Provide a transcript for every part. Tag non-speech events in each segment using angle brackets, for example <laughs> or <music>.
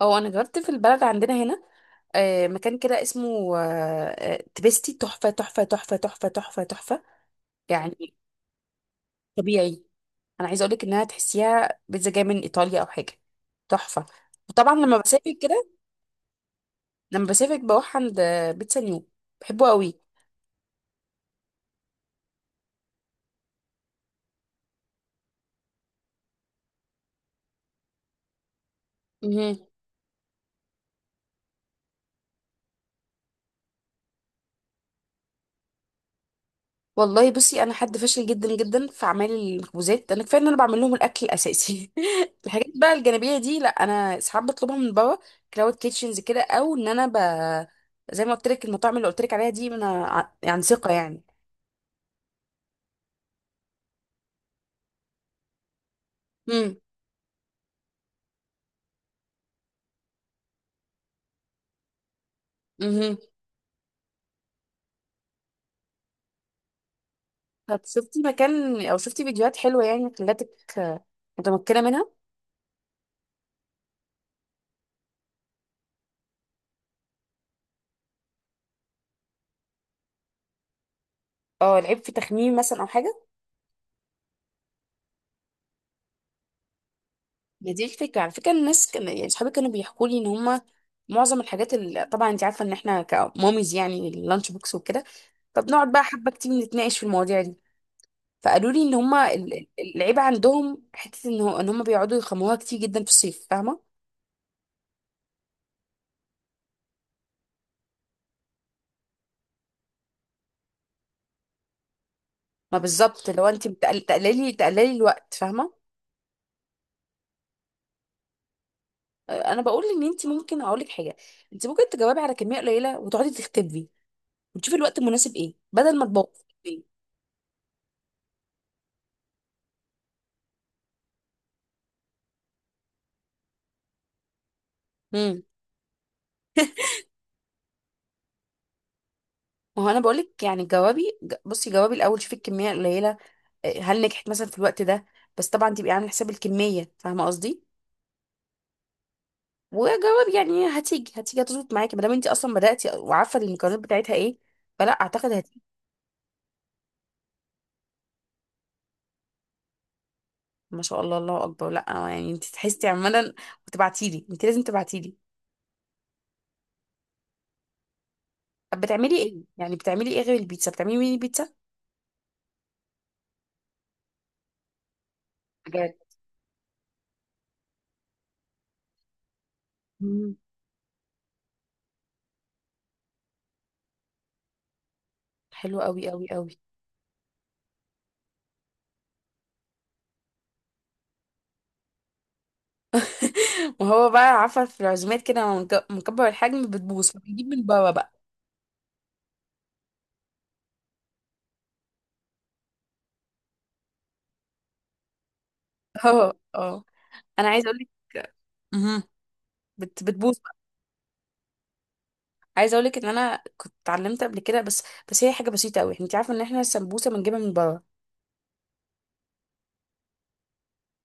اه، انا جربت في البلد عندنا هنا. مكان كده اسمه تبستي. تحفه تحفه تحفه تحفه تحفه تحفه. يعني طبيعي. انا عايزه اقولك انها تحسيها بيتزا جايه من ايطاليا او حاجه. تحفه. وطبعا لما بسافر كده، لما بسافر بروح عند بيتزا نيو. بحبه قوي. والله بصي، انا حد فاشل جدا جدا في اعمال المخبوزات. انا كفايه ان انا بعمل لهم الاكل الاساسي. <laughs> الحاجات بقى الجانبيه دي لا، انا ساعات بطلبها من بابا كلاود كيتشنز كده، او ان انا ب... زي ما قلت لك، المطاعم اللي قلت لك عليها دي انا يعني ثقه يعني. امم. امم. طب شفتي مكان او شفتي فيديوهات حلوه يعني خلاتك، آه، متمكنه منها؟ اه، العيب في تخميم مثلا او حاجه؟ ما دي الفكره على فكره، الناس كان يعني صحابي كانوا بيحكوا لي ان هم معظم الحاجات اللي طبعا انت عارفه ان احنا كماميز يعني، اللانش بوكس وكده. طب نقعد بقى حبة كتير نتناقش في المواضيع دي. فقالوا لي ان هما العيب عندهم حتة ان ان هما بيقعدوا يخموها كتير جدا في الصيف، فاهمة؟ ما بالظبط، لو انت تقللي الوقت، فاهمة؟ انا بقول ان انت ممكن اقول لك حاجة، انت ممكن تجاوبي على كمية قليلة وتقعدي تختبي وتشوفي الوقت المناسب ايه، بدل ما تبوظي. امم. ما هو انا بقول لك يعني جوابي بصي، جوابي الاول شوفي الكمية القليلة. هل نجحت مثلا في الوقت ده؟ بس طبعا تبقي عامله حساب الكمية، فاهمة قصدي؟ وجواب يعني هتيجي، هتيجي هتظبط معاكي، ما دام انت اصلا بدأتي وعارفه المكونات بتاعتها ايه. فلا اعتقد هتيجي. ما شاء الله، الله اكبر. لا، يعني انت تحسي عمالا وتبعتي لي، انت لازم تبعتي لي. طب بتعملي ايه يعني؟ بتعملي ايه غير البيتزا؟ بتعملي مين البيتزا؟ حاجات. مم. حلو قوي قوي قوي. <laughs> وهو بقى عارفه، في العزومات كده لما مكبر الحجم بتبوظ فبيجيب من بره بقى. <laughs> اه اه، انا عايزه اقول لك، بتبوظ. عايزه اقولك ان انا كنت اتعلمت قبل كده، بس بس هي حاجه بسيطه قوي، انت عارفه ان احنا السمبوسه بنجيبها من بره.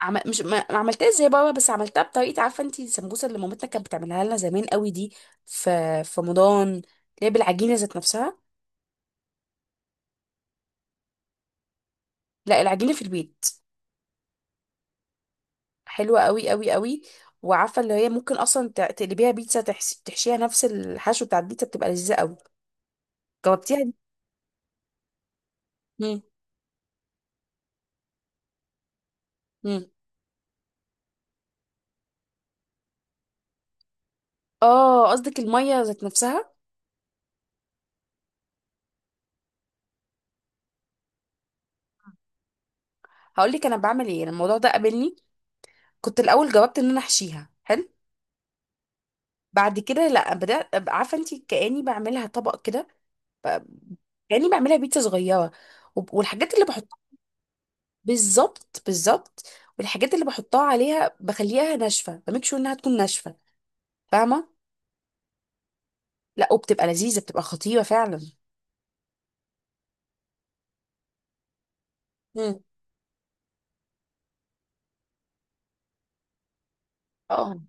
مش ما عملتهاش زي بابا، بس عملتها بطريقه. عارفه انت السمبوسه اللي مامتنا كانت بتعملها لنا زمان قوي دي، في رمضان؟ اللي هي بالعجينه ذات نفسها. لا، العجينه في البيت. حلوه قوي قوي قوي. وعارفه اللي هي ممكن اصلا تقلبيها بيتزا، تحشي... تحشيها نفس الحشو بتاع البيتزا بتبقى لذيذه قوي. جاوبتيها دي؟ مم. مم. اه، قصدك الميه ذات نفسها. هقول لك انا بعمل ايه. أنا الموضوع ده قابلني. كنت الاول جاوبت ان انا احشيها حلو. بعد كده لا، بدات أبقى عارفه انت كاني بعملها طبق كده. ب- كاني بعملها بيتزا صغيره، والحاجات اللي بحطها. بالظبط بالظبط. والحاجات اللي بحطها عليها بخليها ناشفه، بميك شور انها تكون ناشفه. فاهمه؟ لا وبتبقى لذيذه، بتبقى خطيره فعلا. مم. اه.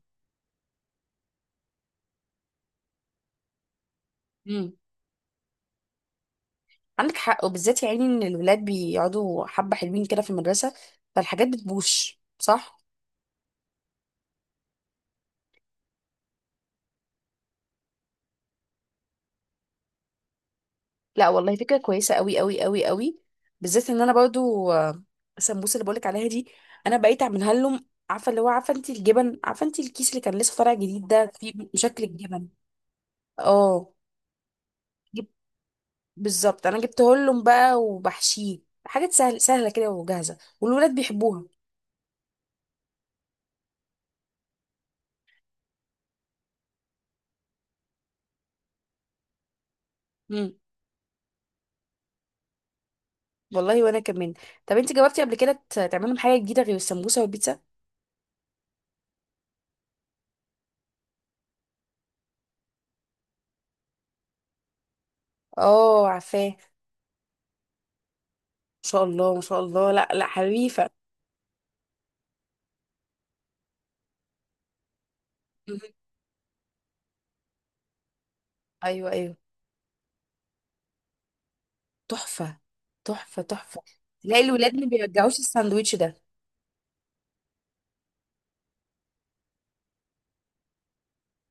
امم. عندك حق، وبالذات يا عيني ان الولاد بيقعدوا حبه حلوين كده في المدرسه، فالحاجات بتبوش، صح؟ لا والله، فكرة كويسة قوي قوي قوي قوي. بالذات ان انا برضو، السمبوسة اللي بقولك عليها دي انا بقيت اعملها لهم. عارفة اللي هو، عارفة انت الجبن، عارفة انت الكيس اللي كان لسه طالع جديد ده، فيه شكل الجبن؟ اه. جب- بالظبط، انا جبته لهم بقى وبحشيه حاجات سهلة كده وجاهزة، والولاد بيحبوها. امم. والله وانا كمان. طب انت جربتي قبل كده تعملي لهم حاجة جديدة غير السمبوسة والبيتزا؟ اه عارفاه، ما شاء الله ما شاء الله. لا لا حريفة. مم. ايوه ايوه. تحفة تحفة تحفة. تلاقي الولاد ما بيرجعوش الساندوتش ده.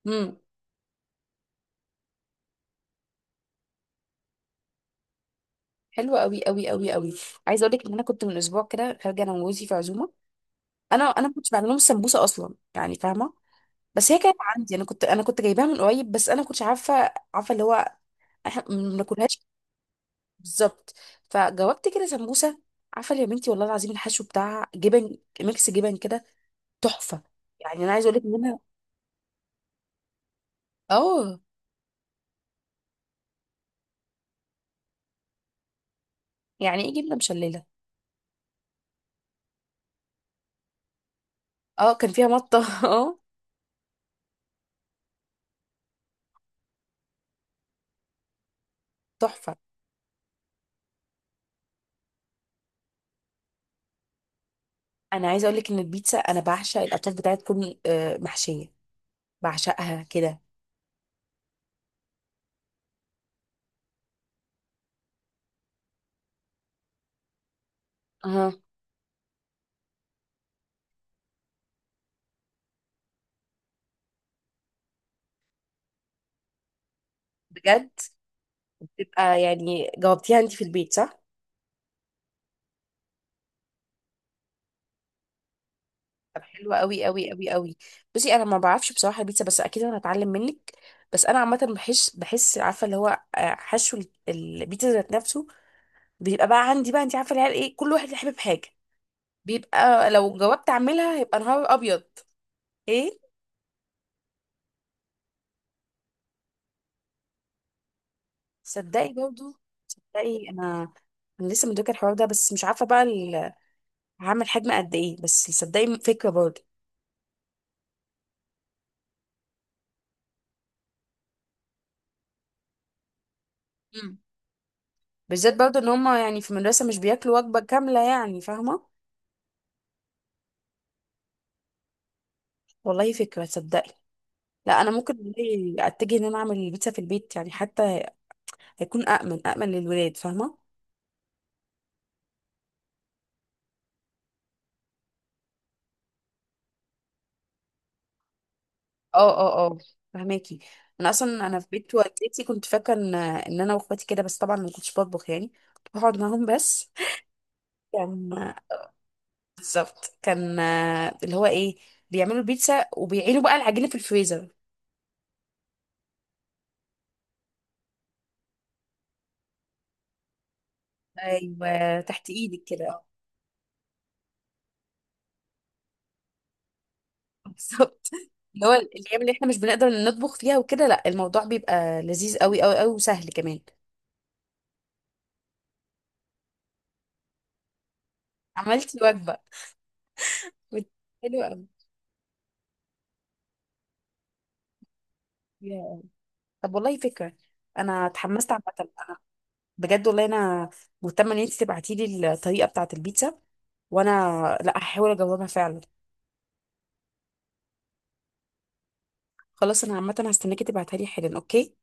امم. حلو قوي قوي قوي قوي. عايزه اقول لك ان انا كنت من اسبوع كده خارجه انا وجوزي في عزومه. انا ما كنتش بعمل لهم سمبوسه اصلا يعني، فاهمه؟ بس هي كانت عندي، انا كنت جايباها من قريب. بس انا ما كنتش عارفه، عارفه اللي هو احنا ما بناكلهاش. بالظبط. فجاوبت كده سمبوسه. عارفه يا بنتي والله العظيم، الحشو بتاع جبن ميكس جبن كده، تحفه. يعني انا عايزه اقول لك ان انا. اه. يعني ايه جبنه مشلله؟ اه، كان فيها مطه. <laughs> اه، تحفه. انا عايزه اقول لك ان البيتزا، انا بعشق الاطراف بتاعتها تكون محشيه. بعشقها كده. اها بجد. تبقى يعني جاوبتيها انت في البيت، صح؟ طب حلوه قوي قوي قوي قوي. بصي انا ما بعرفش بصراحه البيتزا، بس اكيد انا هتعلم منك. بس انا عامه بحس، عارفه اللي هو، حشو البيتزا ذات نفسه بيبقى بقى عندي بقى. انت عارفه العيال ايه، كل واحد حابب حاجه. بيبقى لو جاوبت اعملها هيبقى نهار ابيض. ايه. صدقي برضو. صدقي انا، انا لسه مدركه الحوار ده، بس مش عارفه بقى هعمل حجم قد ايه. بس صدقي فكرة برضه. مم. بالذات برضه، ان هما يعني في المدرسة مش بياكلوا وجبة كاملة يعني، فاهمة؟ والله فكرة، تصدقي لا، انا ممكن والله اتجه ان انا اعمل البيتزا في البيت يعني، حتى هيكون امن، للولاد، فاهمة؟ اه اه اه، فهماكي. انا اصلا في بيت والدتي كنت فاكره ان انا واخواتي كده، بس طبعا ما كنتش بطبخ يعني، كنت بقعد معاهم بس. كان. بالظبط كان اللي هو ايه، بيعملوا البيتزا وبيعينوا بقى العجينه في الفريزر. ايوه، تحت ايدك كده، اه. بالظبط. اللي هو الايام اللي احنا مش بنقدر نطبخ فيها وكده، لا، الموضوع بيبقى لذيذ قوي قوي قوي وسهل كمان. عملتي وجبه. بت- حلو قوي. يا. طب والله فكره. انا اتحمست عامه انا. بجد والله، انا مهتمه ان انت تبعتي لي الطريقه بتاعه البيتزا. وانا لا، هحاول اجاوبها فعلا. خلاص انا عامه هستناكي تبعتها لي حالا، اوكي.